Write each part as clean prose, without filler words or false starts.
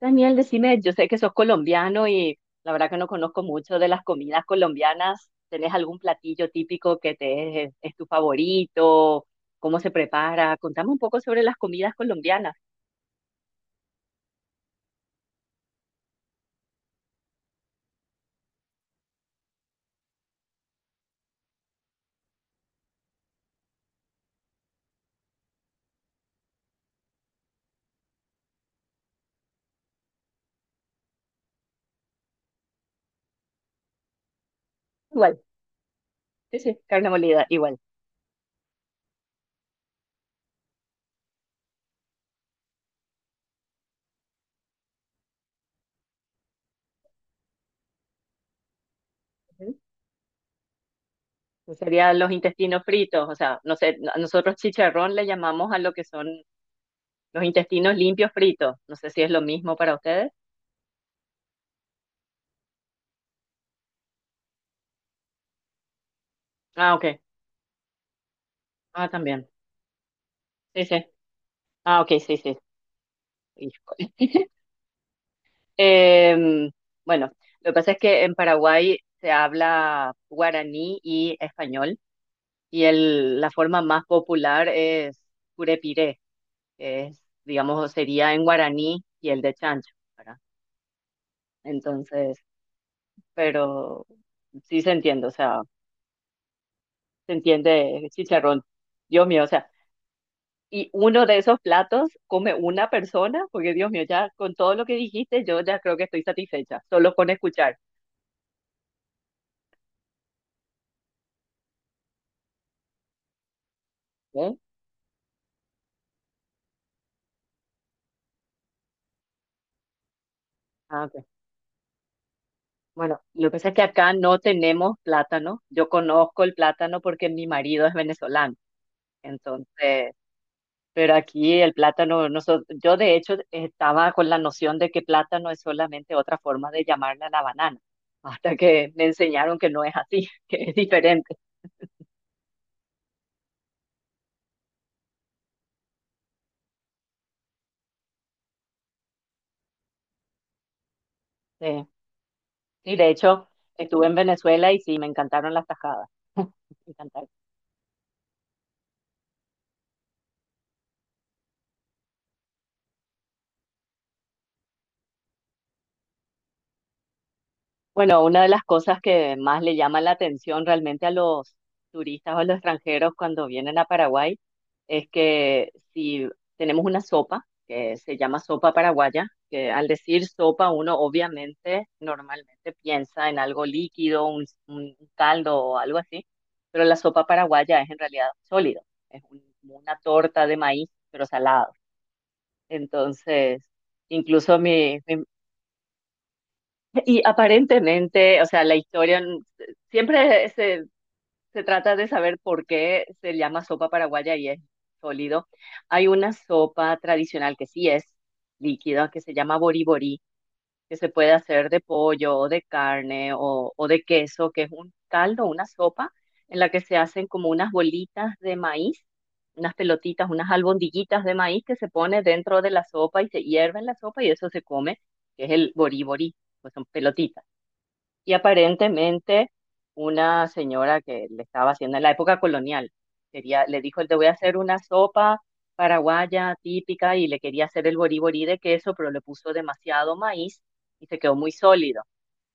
Daniel, decime, yo sé que sos colombiano y la verdad que no conozco mucho de las comidas colombianas. ¿Tenés algún platillo típico que es tu favorito? ¿Cómo se prepara? Contame un poco sobre las comidas colombianas. Igual, sí, sí, carne molida, igual. Ujú. Serían los intestinos fritos, o sea, no sé, nosotros chicharrón le llamamos a lo que son los intestinos limpios fritos. No sé si es lo mismo para ustedes. Ah, ok. Ah, también. Sí, sí. Ah, ok, sí, sí. Eh, bueno, lo que pasa es que en Paraguay se habla guaraní y español, y la forma más popular es curepiré, que es, digamos, sería en guaraní y el de chancho, ¿verdad? Entonces, pero sí se entiende, o sea, se entiende chicharrón. Dios mío, o sea, y uno de esos platos come una persona, porque Dios mío, ya con todo lo que dijiste, yo ya creo que estoy satisfecha, solo con escuchar. ¿Eh? Ah, ok. Bueno, lo que pasa es que acá no tenemos plátano. Yo conozco el plátano porque mi marido es venezolano. Entonces, pero aquí el plátano, yo de hecho estaba con la noción de que plátano es solamente otra forma de llamarle a la banana, hasta que me enseñaron que no es así, que es diferente. Sí, y de hecho, estuve en Venezuela y sí, me encantaron las tajadas. Me encantaron. Bueno, una de las cosas que más le llama la atención realmente a los turistas o a los extranjeros cuando vienen a Paraguay es que si tenemos una sopa que se llama sopa paraguaya, que al decir sopa uno obviamente normalmente piensa en algo líquido, un caldo o algo así, pero la sopa paraguaya es en realidad sólido, es como una torta de maíz, pero salado. Entonces, incluso mi mis y aparentemente, o sea, la historia, siempre se trata de saber por qué se llama sopa paraguaya y es sólido. Hay una sopa tradicional que sí es líquida, que se llama boriborí, que se puede hacer de pollo o de carne o de queso, que es un caldo, una sopa en la que se hacen como unas bolitas de maíz, unas pelotitas, unas albondiguitas de maíz que se pone dentro de la sopa y se hierve en la sopa y eso se come, que es el boriborí, pues son pelotitas. Y aparentemente una señora que le estaba haciendo en la época colonial, quería, le dijo, te voy a hacer una sopa paraguaya típica y le quería hacer el boriborí de queso, pero le puso demasiado maíz y se quedó muy sólido.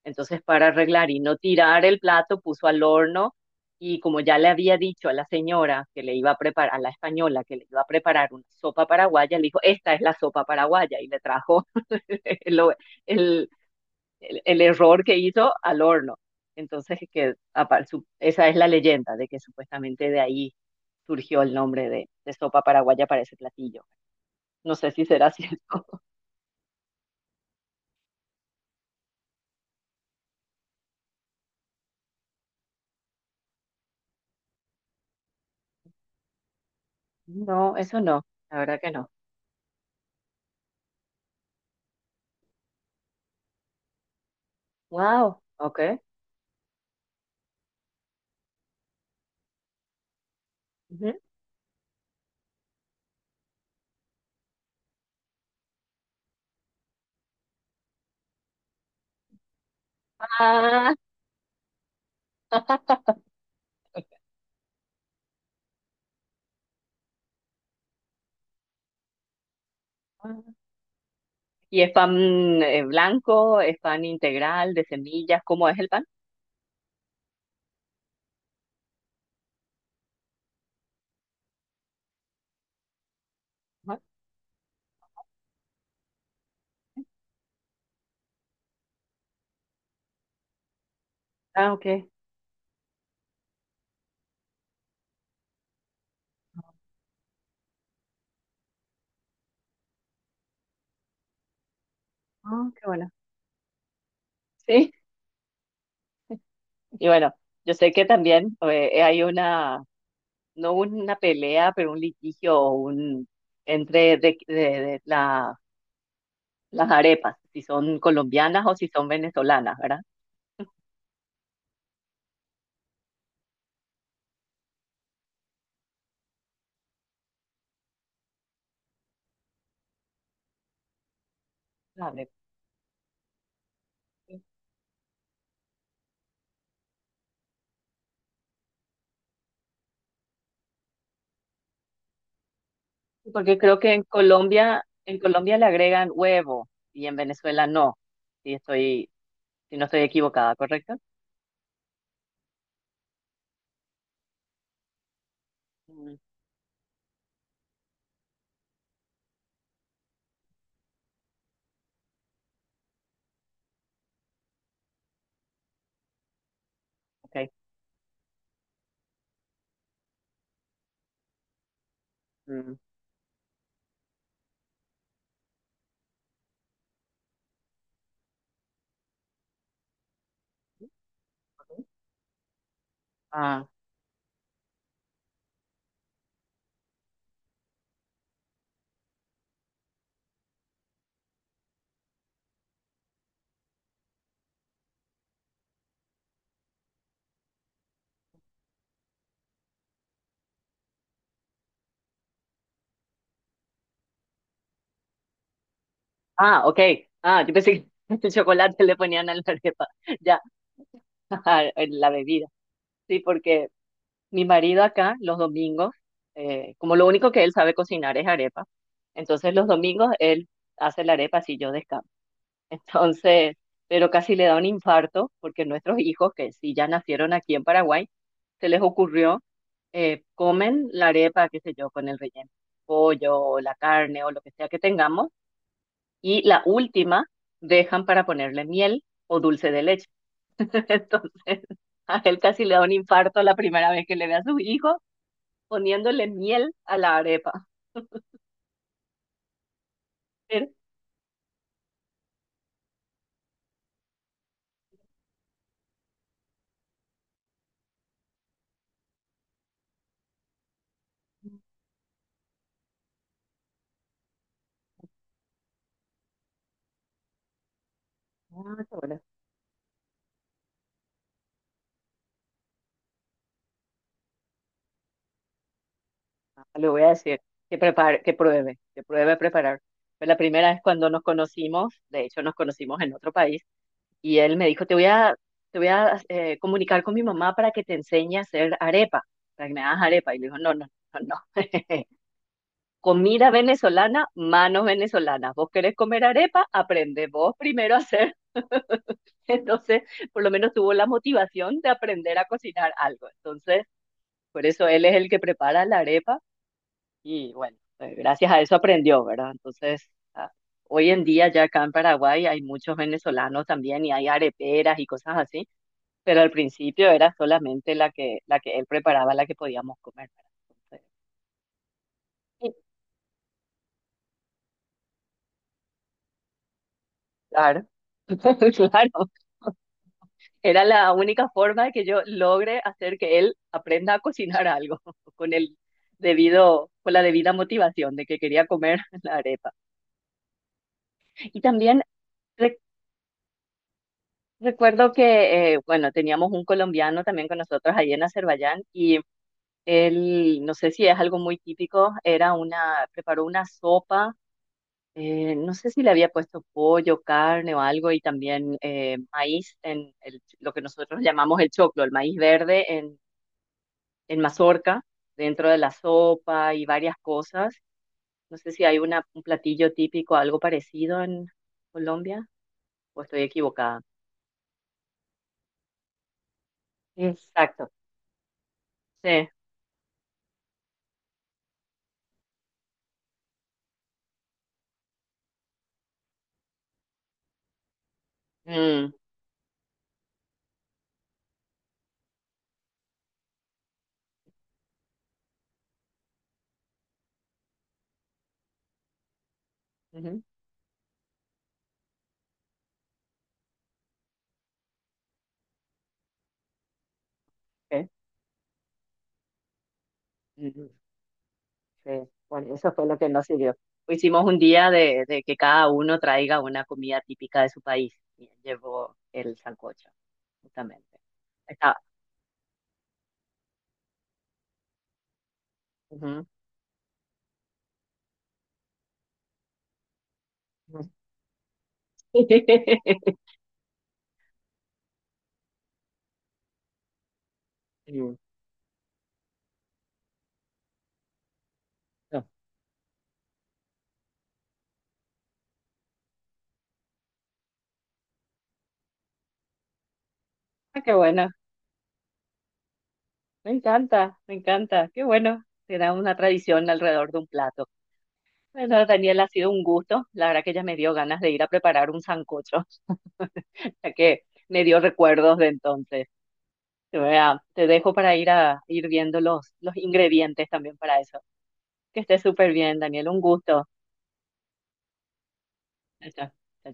Entonces, para arreglar y no tirar el plato, puso al horno y como ya le había dicho a la señora que le iba a preparar, a la española que le iba a preparar una sopa paraguaya, le dijo, esta es la sopa paraguaya y le trajo el, el error que hizo al horno. Entonces, que esa es la leyenda de que supuestamente de ahí surgió el nombre de sopa paraguaya para ese platillo. No sé si será cierto. No, eso no, la verdad que no. Wow, ok. Ujú. Ah, ¿y es pan blanco? ¿Es pan integral de semillas? ¿Cómo es el pan? Ajá. Ah, ok. Ah, qué bueno. Sí, y bueno, yo sé que también hay una no una pelea, pero un litigio o un, entre las arepas, si son colombianas o si son venezolanas, ¿verdad? Las arepas. Porque creo que en Colombia le agregan huevo y en Venezuela no, si estoy, si no estoy equivocada, ¿correcto? Mm, ok. Mm. Ah, ah, ok. Ah, yo pensé que el chocolate le ponían a la arepa, ya, en la bebida. Sí, porque mi marido acá, los domingos, como lo único que él sabe cocinar es arepa, entonces los domingos él hace la arepa si yo descanso. Entonces, pero casi le da un infarto porque nuestros hijos, que sí ya nacieron aquí en Paraguay, se les ocurrió, comen la arepa, qué sé yo, con el relleno, pollo o la carne o lo que sea que tengamos, y la última dejan para ponerle miel o dulce de leche. Entonces, a él casi le da un infarto la primera vez que le ve a sus hijos poniéndole miel a la arepa. Pero, ah, qué bueno. Ah, le voy a decir que prepare, que pruebe a preparar. Fue la primera vez cuando nos conocimos, de hecho nos conocimos en otro país, y él me dijo, te voy a comunicar con mi mamá para que te enseñe a hacer arepa, para que me hagas arepa. Y le digo, no, no, no, no. Comida venezolana, manos venezolanas. Vos querés comer arepa, aprende vos primero a hacer. Entonces, por lo menos tuvo la motivación de aprender a cocinar algo. Entonces, por eso él es el que prepara la arepa y bueno, gracias a eso aprendió, ¿verdad? Entonces, ah, hoy en día ya acá en Paraguay hay muchos venezolanos también y hay areperas y cosas así, pero al principio era solamente la que él preparaba, la que podíamos comer, ¿verdad? Entonces, y claro, claro. Era la única forma de que yo logre hacer que él aprenda a cocinar algo con el con la debida motivación de que quería comer la arepa. Y también recuerdo que, bueno, teníamos un colombiano también con nosotros allí en Azerbaiyán y él, no sé si es algo muy típico, era una, preparó una sopa, no sé si le había puesto pollo, carne o algo y también maíz lo que nosotros llamamos el choclo, el maíz verde en mazorca, dentro de la sopa y varias cosas. No sé si hay una, un platillo típico, algo parecido en Colombia o estoy equivocada. Exacto, sí. Mm, ujú. Sí, ujú, sí. Bueno, eso fue lo que nos sirvió. Hicimos un día de que cada uno traiga una comida típica de su país. Y él llevó el sancocho, justamente. Está. Ujú. Mm. No. Ah, qué bueno. Me encanta, me encanta. Qué bueno. Será una tradición alrededor de un plato. Bueno, Daniel, ha sido un gusto. La verdad que ya me dio ganas de ir a preparar un sancocho, ya que me dio recuerdos de entonces. Vea, te dejo para ir a ir viendo los ingredientes también para eso. Que estés súper bien, Daniel. Un gusto. Chao, chao.